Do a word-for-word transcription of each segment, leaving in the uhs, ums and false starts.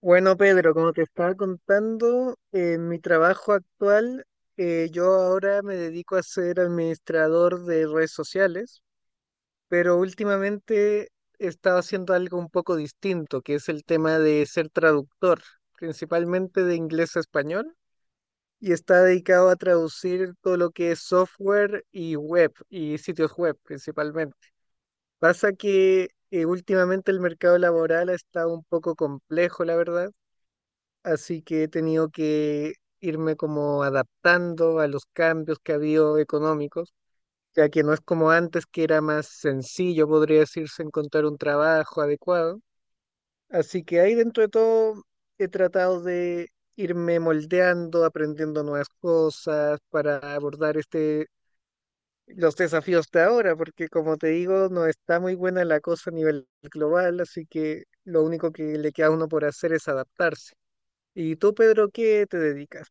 Bueno, Pedro, como te estaba contando, en mi trabajo actual, eh, yo ahora me dedico a ser administrador de redes sociales, pero últimamente he estado haciendo algo un poco distinto, que es el tema de ser traductor, principalmente de inglés a español, y está dedicado a traducir todo lo que es software y web, y sitios web principalmente. Pasa que eh, últimamente el mercado laboral ha estado un poco complejo, la verdad, así que he tenido que irme como adaptando a los cambios que ha habido económicos, ya que no es como antes, que era más sencillo, podría decirse, encontrar un trabajo adecuado. Así que ahí, dentro de todo, he tratado de irme moldeando, aprendiendo nuevas cosas para abordar este, los desafíos de ahora, porque como te digo, no está muy buena la cosa a nivel global, así que lo único que le queda a uno por hacer es adaptarse. ¿Y tú, Pedro, qué te dedicas?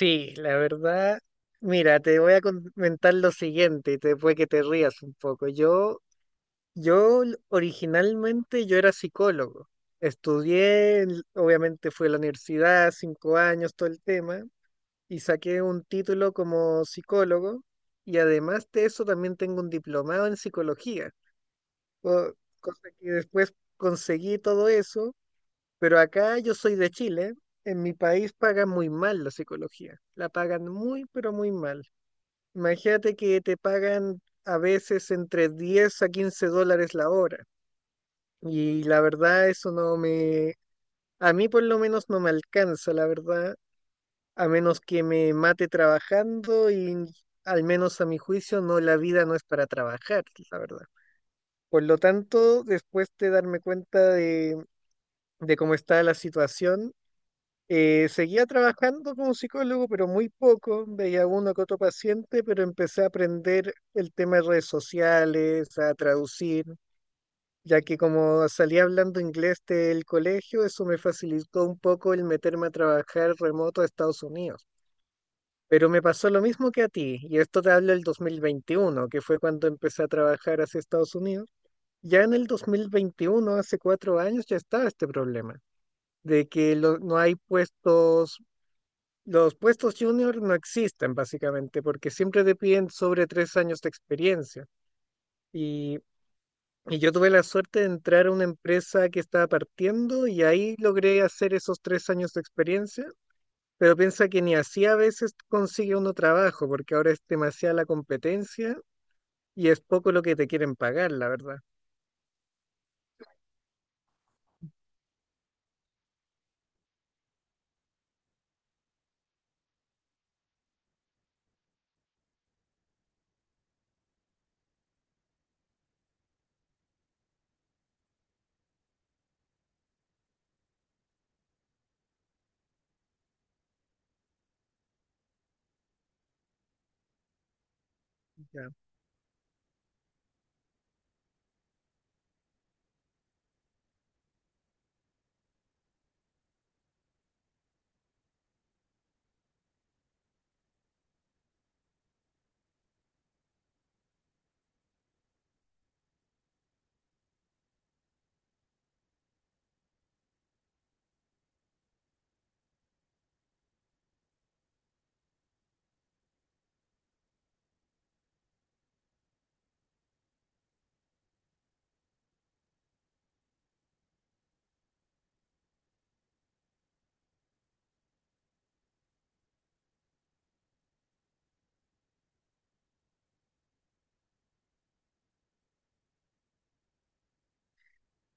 Sí, la verdad, mira, te voy a comentar lo siguiente y te, que te rías un poco. Yo, yo l- originalmente yo era psicólogo. Estudié, l- obviamente fui a la universidad, cinco años, todo el tema, y saqué un título como psicólogo, y además de eso también tengo un diplomado en psicología, co- cosa que después conseguí todo eso. Pero acá yo soy de Chile, en mi país pagan muy mal la psicología, la pagan muy, pero muy mal. Imagínate que te pagan a veces entre diez a quince dólares la hora, y la verdad eso no me, a mí por lo menos no me alcanza, la verdad, a menos que me mate trabajando, y al menos a mi juicio no, la vida no es para trabajar, la verdad. Por lo tanto, después de darme cuenta de, de cómo está la situación, Eh, seguía trabajando como psicólogo, pero muy poco. Veía uno que otro paciente, pero empecé a aprender el tema de redes sociales, a traducir, ya que como salía hablando inglés del colegio, eso me facilitó un poco el meterme a trabajar remoto a Estados Unidos. Pero me pasó lo mismo que a ti, y esto te hablo del dos mil veintiuno, que fue cuando empecé a trabajar hacia Estados Unidos. Ya en el dos mil veintiuno, hace cuatro años, ya estaba este problema de que lo- no hay puestos, los puestos junior no existen básicamente porque siempre te piden sobre tres años de experiencia. Y, y yo tuve la suerte de entrar a una empresa que estaba partiendo, y ahí logré hacer esos tres años de experiencia. Pero piensa que ni así a veces consigue uno trabajo, porque ahora es demasiada la competencia y es poco lo que te quieren pagar, la verdad.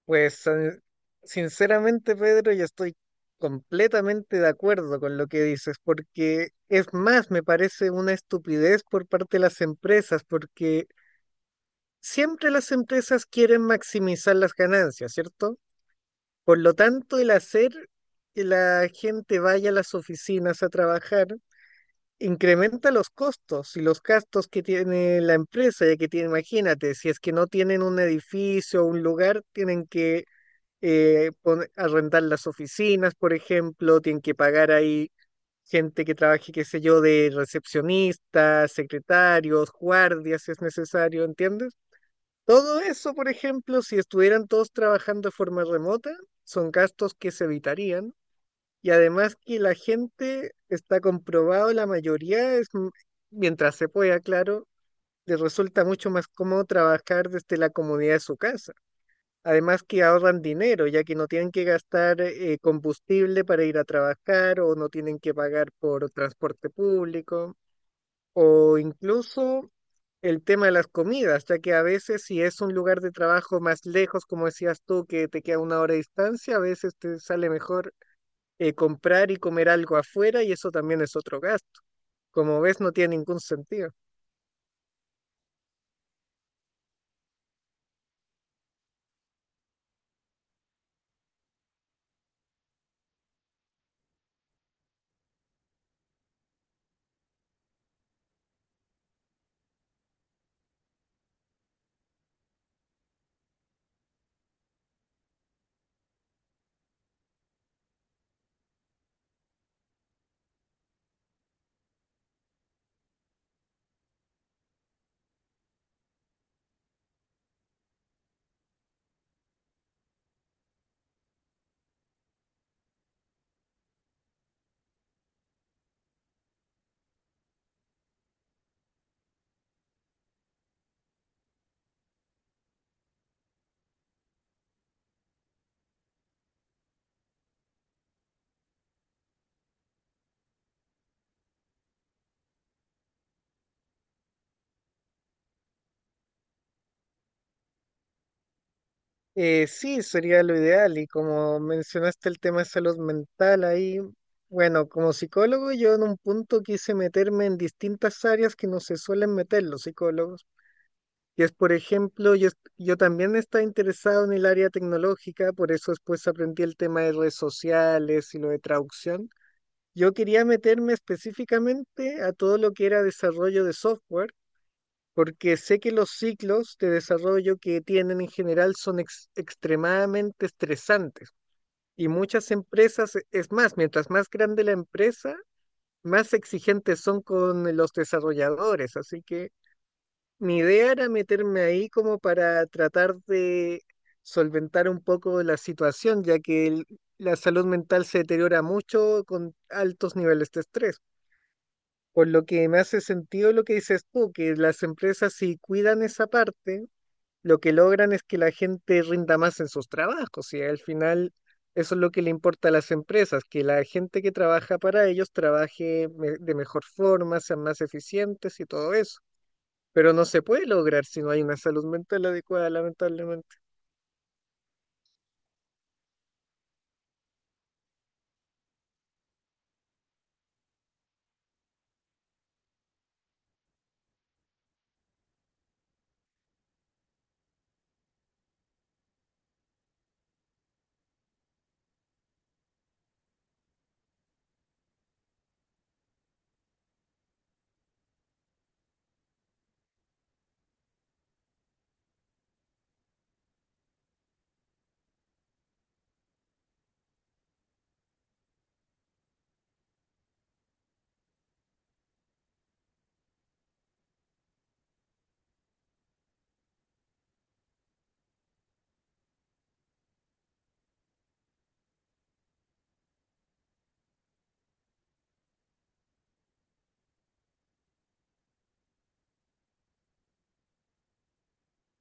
Pues eh, sinceramente, Pedro, yo estoy completamente de acuerdo con lo que dices, porque es más, me parece una estupidez por parte de las empresas, porque siempre las empresas quieren maximizar las ganancias, ¿cierto? Por lo tanto, el hacer que la gente vaya a las oficinas a trabajar incrementa los costos y los gastos que tiene la empresa, ya que tiene, imagínate, si es que no tienen un edificio o un lugar, tienen que eh, pon- arrendar las oficinas, por ejemplo, tienen que pagar ahí gente que trabaje, qué sé yo, de recepcionistas, secretarios, guardias, si es necesario, ¿entiendes? Todo eso, por ejemplo, si estuvieran todos trabajando de forma remota, son gastos que se evitarían. Y además, que la gente, está comprobado, la mayoría es, m- mientras se pueda, claro, les resulta mucho más cómodo trabajar desde la comodidad de su casa. Además que ahorran dinero, ya que no tienen que gastar eh, combustible para ir a trabajar, o no tienen que pagar por transporte público, o incluso el tema de las comidas, ya que a veces, si es un lugar de trabajo más lejos, como decías tú, que te queda una hora de distancia, a veces te sale mejor eh, comprar y comer algo afuera, y eso también es otro gasto. Como ves, no tiene ningún sentido. Eh, sí, sería lo ideal. Y como mencionaste el tema de salud mental ahí, bueno, como psicólogo yo en un punto quise meterme en distintas áreas que no se suelen meter los psicólogos. Y es, por ejemplo, yo, est- yo también estaba interesado en el área tecnológica, por eso después aprendí el tema de redes sociales y lo de traducción. Yo quería meterme específicamente a todo lo que era desarrollo de software, porque sé que los ciclos de desarrollo que tienen en general son ex- extremadamente estresantes, y muchas empresas, e, es más, mientras más grande la empresa, más exigentes son con los desarrolladores. Así que mi idea era meterme ahí como para tratar de solventar un poco la situación, ya que el- la salud mental se deteriora mucho con altos niveles de estrés. Por lo que me hace sentido lo que dices tú, que las empresas, si cuidan esa parte, lo que logran es que la gente rinda más en sus trabajos, y al final eso es lo que le importa a las empresas, que la gente que trabaja para ellos trabaje me- de mejor forma, sean más eficientes y todo eso. Pero no se puede lograr si no hay una salud mental adecuada, lamentablemente.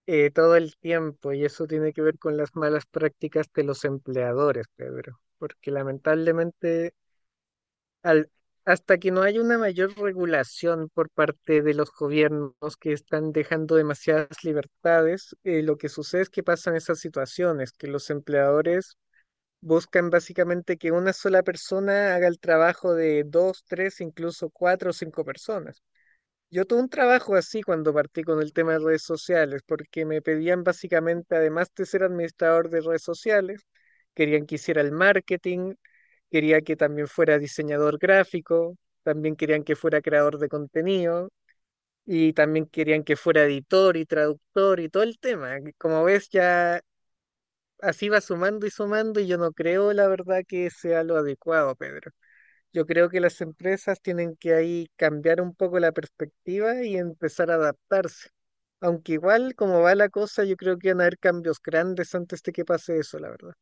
eh, Todo el tiempo. Y eso tiene que ver con las malas prácticas de los empleadores, Pedro, porque lamentablemente, al- hasta que no haya una mayor regulación por parte de los gobiernos que están dejando demasiadas libertades, eh, lo que sucede es que pasan esas situaciones, que los empleadores buscan básicamente que una sola persona haga el trabajo de dos, tres, incluso cuatro o cinco personas. Yo tuve un trabajo así cuando partí con el tema de redes sociales, porque me pedían básicamente, además de ser administrador de redes sociales, querían que hiciera el marketing, quería que también fuera diseñador gráfico, también querían que fuera creador de contenido, y también querían que fuera editor y traductor y todo el tema. Como ves, ya así va sumando y sumando, y yo no creo, la verdad, que sea lo adecuado, Pedro. Yo creo que las empresas tienen que ahí cambiar un poco la perspectiva y empezar a adaptarse. Aunque igual, como va la cosa, yo creo que van a haber cambios grandes antes de que pase eso, la verdad.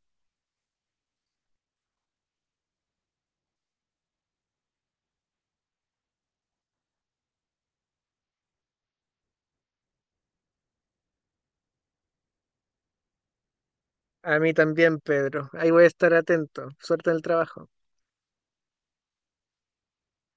A mí también, Pedro. Ahí voy a estar atento. Suerte en el trabajo.